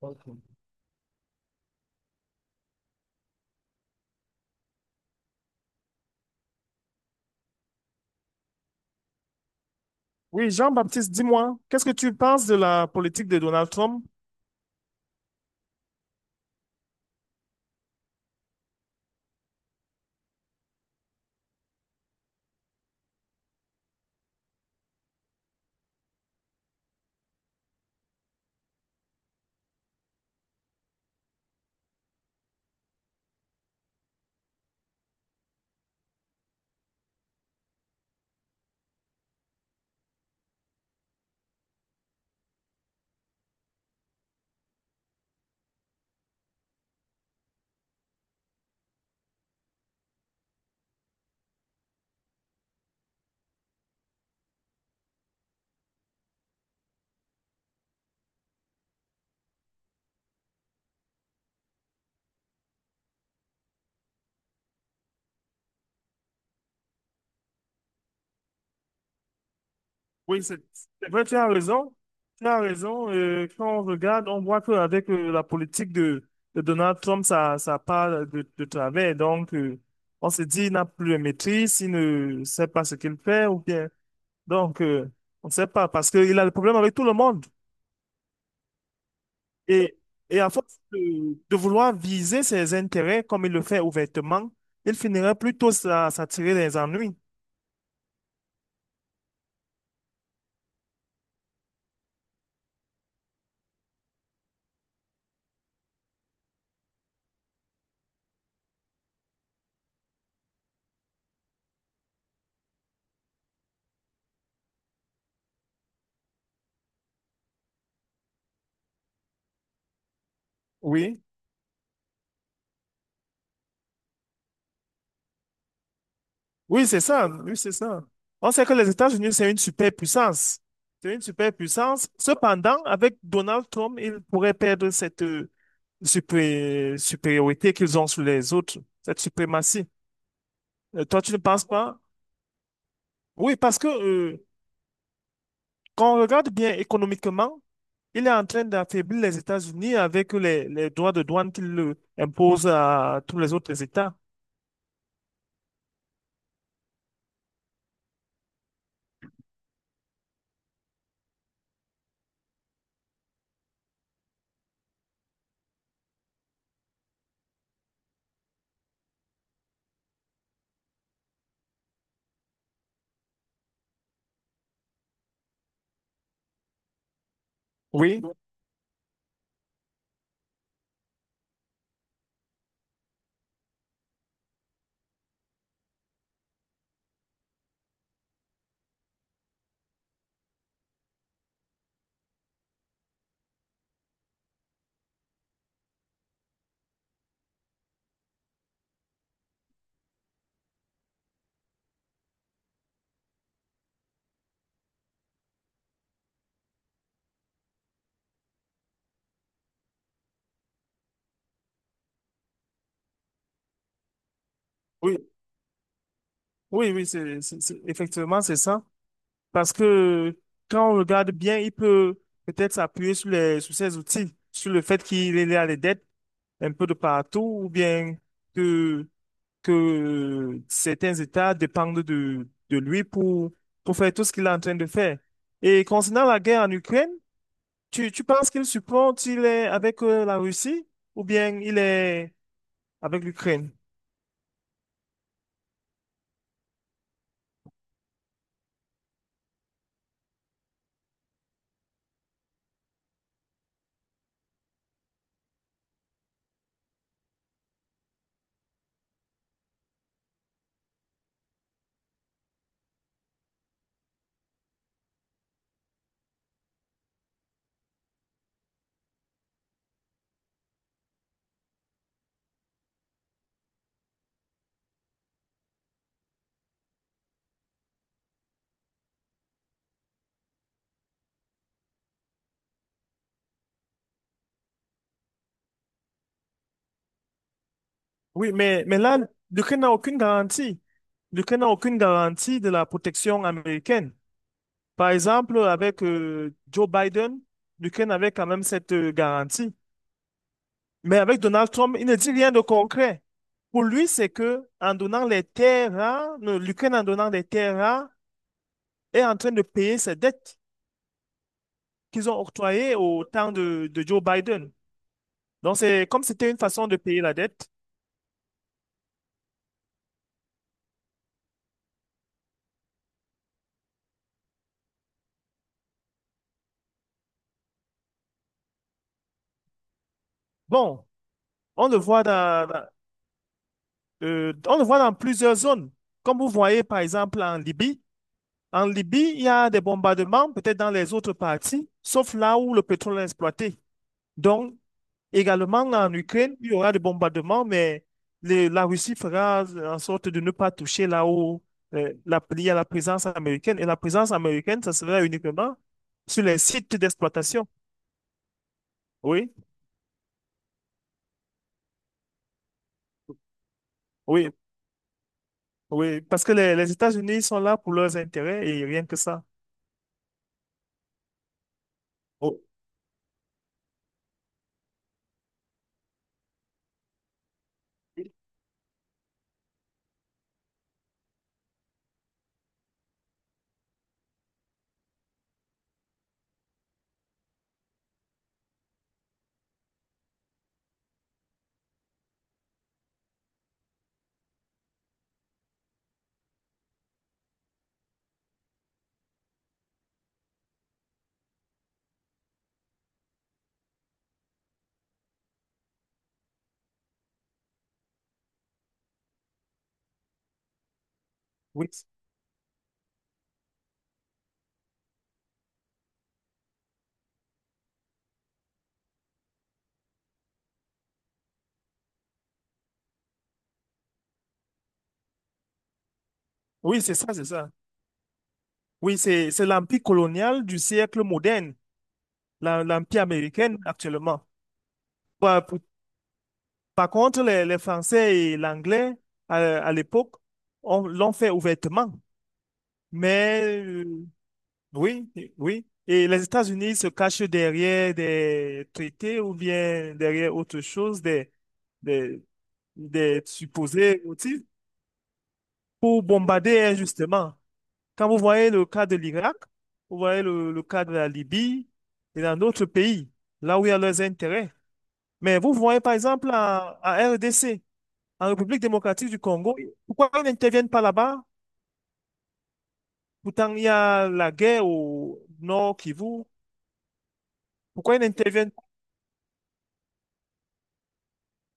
Ok. Oui, Jean-Baptiste, dis-moi, qu'est-ce que tu penses de la politique de Donald Trump? Oui, c'est vrai, tu as raison. Tu as raison. Quand on regarde, on voit qu'avec la politique de Donald Trump, ça part de travers. Donc, on se dit, il n'a plus de maîtrise, il ne sait pas ce qu'il fait, ou bien. Donc, on ne sait pas, parce qu'il a des problèmes avec tout le monde. Et, et à force de vouloir viser ses intérêts comme il le fait ouvertement, il finirait plutôt à s'attirer des ennuis. Oui. Oui, c'est ça. Oui, c'est ça. On sait que les États-Unis, c'est une superpuissance. C'est une superpuissance. Cependant, avec Donald Trump, ils pourraient perdre cette supériorité qu'ils ont sur les autres, cette suprématie. Toi, tu ne penses pas? Oui, parce que quand on regarde bien économiquement, il est en train d'affaiblir les États-Unis avec les droits de douane qu'il impose à tous les autres États. Oui, oui, oui, oui, c'est, effectivement, c'est ça. Parce que quand on regarde bien, il peut peut-être s'appuyer sur les, sur ses outils, sur le fait qu'il est à des dettes un peu de partout, ou bien que, que certains États dépendent de lui pour faire tout ce qu'il est en train de faire. Et concernant la guerre en Ukraine, tu penses qu'il supporte, il est avec la Russie, ou bien il est avec l'Ukraine. Oui, mais là, l'Ukraine n'a aucune garantie. L'Ukraine n'a aucune garantie de la protection américaine. Par exemple, avec Joe Biden, l'Ukraine avait quand même cette garantie. Mais avec Donald Trump, il ne dit rien de concret. Pour lui, c'est que en donnant les terres rares, l'Ukraine en donnant les terres rares est en train de payer ses dettes qu'ils ont octroyées au temps de Joe Biden. Donc c'est comme c'était une façon de payer la dette. Bon, on le voit dans, on le voit dans plusieurs zones. Comme vous voyez par exemple en Libye, en Libye, il y a des bombardements, peut-être dans les autres parties, sauf là où le pétrole est exploité. Donc, également en Ukraine, il y aura des bombardements, mais la Russie fera en sorte de ne pas toucher là où il y a la présence américaine. Et la présence américaine, ça sera uniquement sur les sites d'exploitation. Oui, oui, oui. Parce que les États-Unis sont là pour leurs intérêts et rien que ça. Oh, oui, oui, c'est ça, c'est ça. Oui, c'est l'empire colonial du siècle moderne, l'empire américain actuellement. Par, par contre, les Français et l'anglais, à l'époque, l'ont fait ouvertement. Mais oui, oui. Et les États-Unis se cachent derrière des traités ou bien derrière autre chose, des, des supposés motifs pour bombarder injustement. Quand vous voyez le cas de l'Irak, vous voyez le cas de la Libye et dans d'autres pays, là où il y a leurs intérêts. Mais vous voyez par exemple en, en RDC, en République démocratique du Congo, pourquoi ils n'interviennent pas là-bas? Pourtant, il y a la guerre au nord Kivu. Pourquoi ils n'interviennent pas?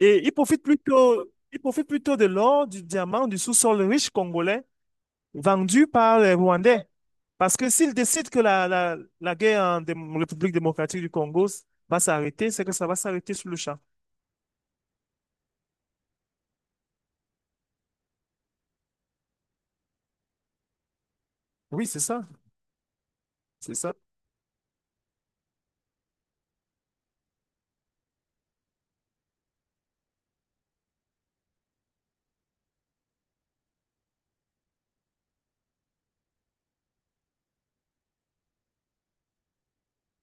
Et ils profitent plutôt de l'or, du diamant, du sous-sol riche congolais vendu par les Rwandais. Parce que s'ils décident que la guerre en République démocratique du Congo va s'arrêter, c'est que ça va s'arrêter sur le champ. Oui, c'est ça. C'est ça.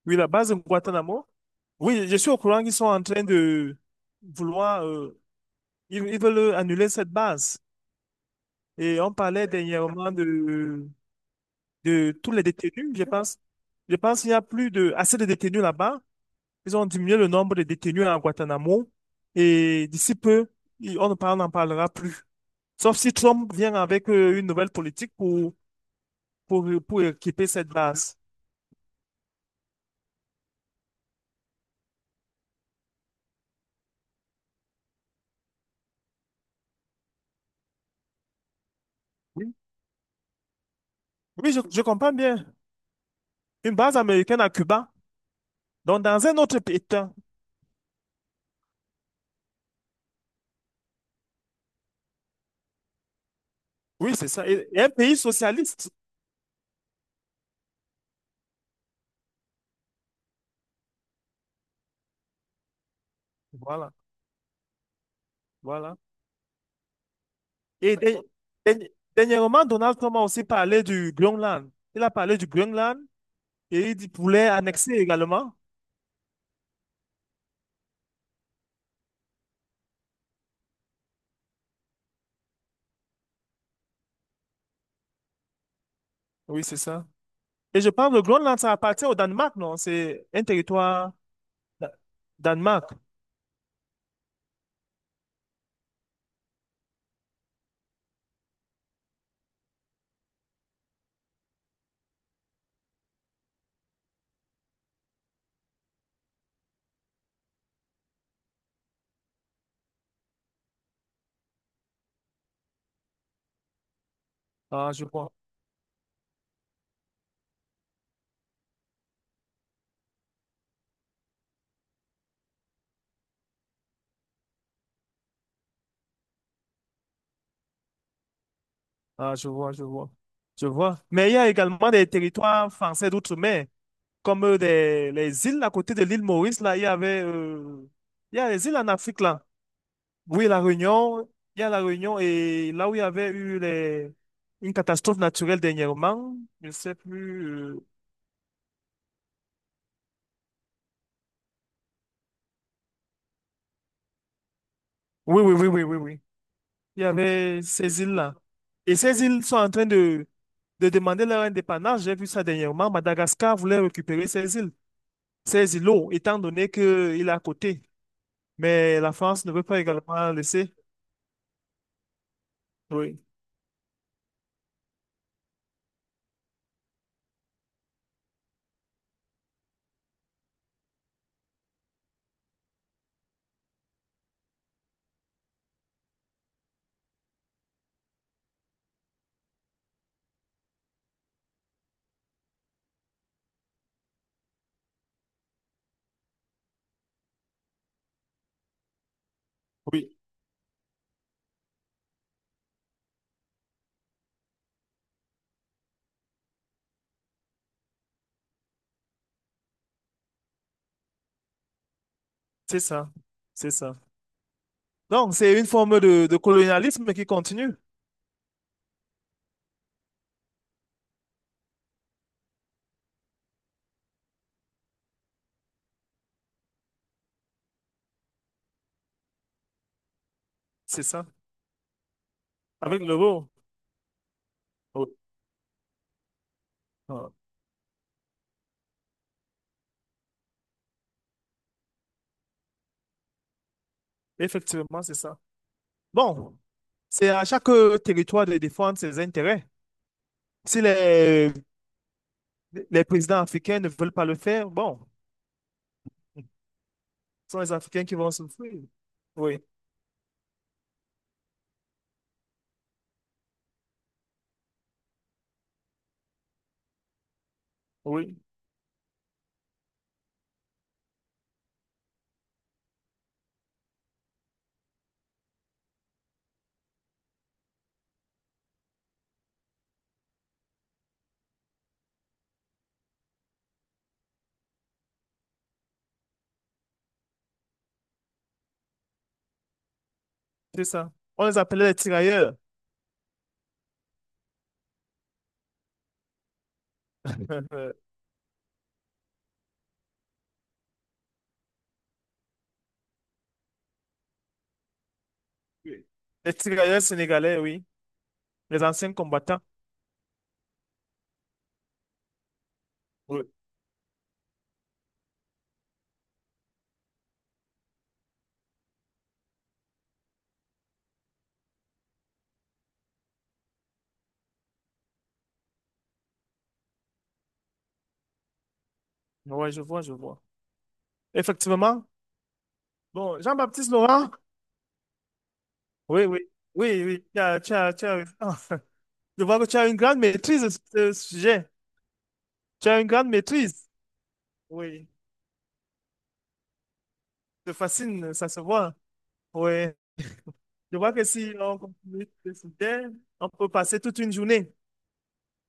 Oui, la base de Guantanamo. Oui, je suis au courant qu'ils sont en train de vouloir ils, ils veulent annuler cette base. Et on parlait dernièrement de tous les détenus, je pense. Je pense qu'il n'y a plus de, assez de détenus là-bas. Ils ont diminué le nombre de détenus à Guantanamo. Et d'ici peu, on n'en parlera plus. Sauf si Trump vient avec une nouvelle politique pour équiper cette base. Oui, oui, je comprends bien. Une base américaine à Cuba, donc dans un autre pays. Tiens. Oui, c'est ça. Et un pays socialiste. Voilà, voilà. Et dernièrement, Donald Trump a aussi parlé du Groenland. Il a parlé du Groenland et voulait annexer également. Oui, c'est ça. Et je pense que le Groenland, ça appartient au Danemark, non? C'est un territoire da- Danemark. Ah, je vois. Ah, je vois, je vois. Je vois. Mais il y a également des territoires français d'outre-mer, comme les îles à côté de l'île Maurice, là, il y avait, il y a les îles en Afrique, là. Oui, la Réunion, il y a la Réunion et là où il y avait eu les, une catastrophe naturelle dernièrement, je ne sais plus. Oui, oui, oui, oui, oui, oui. Il y avait ces îles-là. Et ces îles sont en train de demander leur indépendance. J'ai vu ça dernièrement. Madagascar voulait récupérer ces îles, ces îlots, étant donné qu'il est à côté. Mais la France ne veut pas également laisser. Oui, oui, c'est ça. C'est ça. Donc, c'est une forme de colonialisme qui continue, c'est ça, avec l'euro. Oui. Ah, effectivement, c'est ça. Bon, c'est à chaque territoire de défendre ses intérêts. Si les, les présidents africains ne veulent pas le faire, bon, ce sont les Africains qui vont souffrir. Oui, oui, c'est ça. On les appelait les tirailleurs. Euh, oui, les tirailleurs sénégalais, oui. Les anciens combattants. Oui, ouais, je vois, je vois. Effectivement. Bon, Jean-Baptiste Laurent. Oui, oui, oui, oui, tu as, tu as, tu as- Je vois que tu as une grande maîtrise de ce sujet. Tu as une grande maîtrise. Oui, te fascine, ça se voit. Oui, je vois que si on continue ce sujet, on peut passer toute une journée.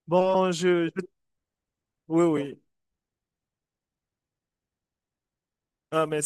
Bon, je- Oui, oui. Ah, merci.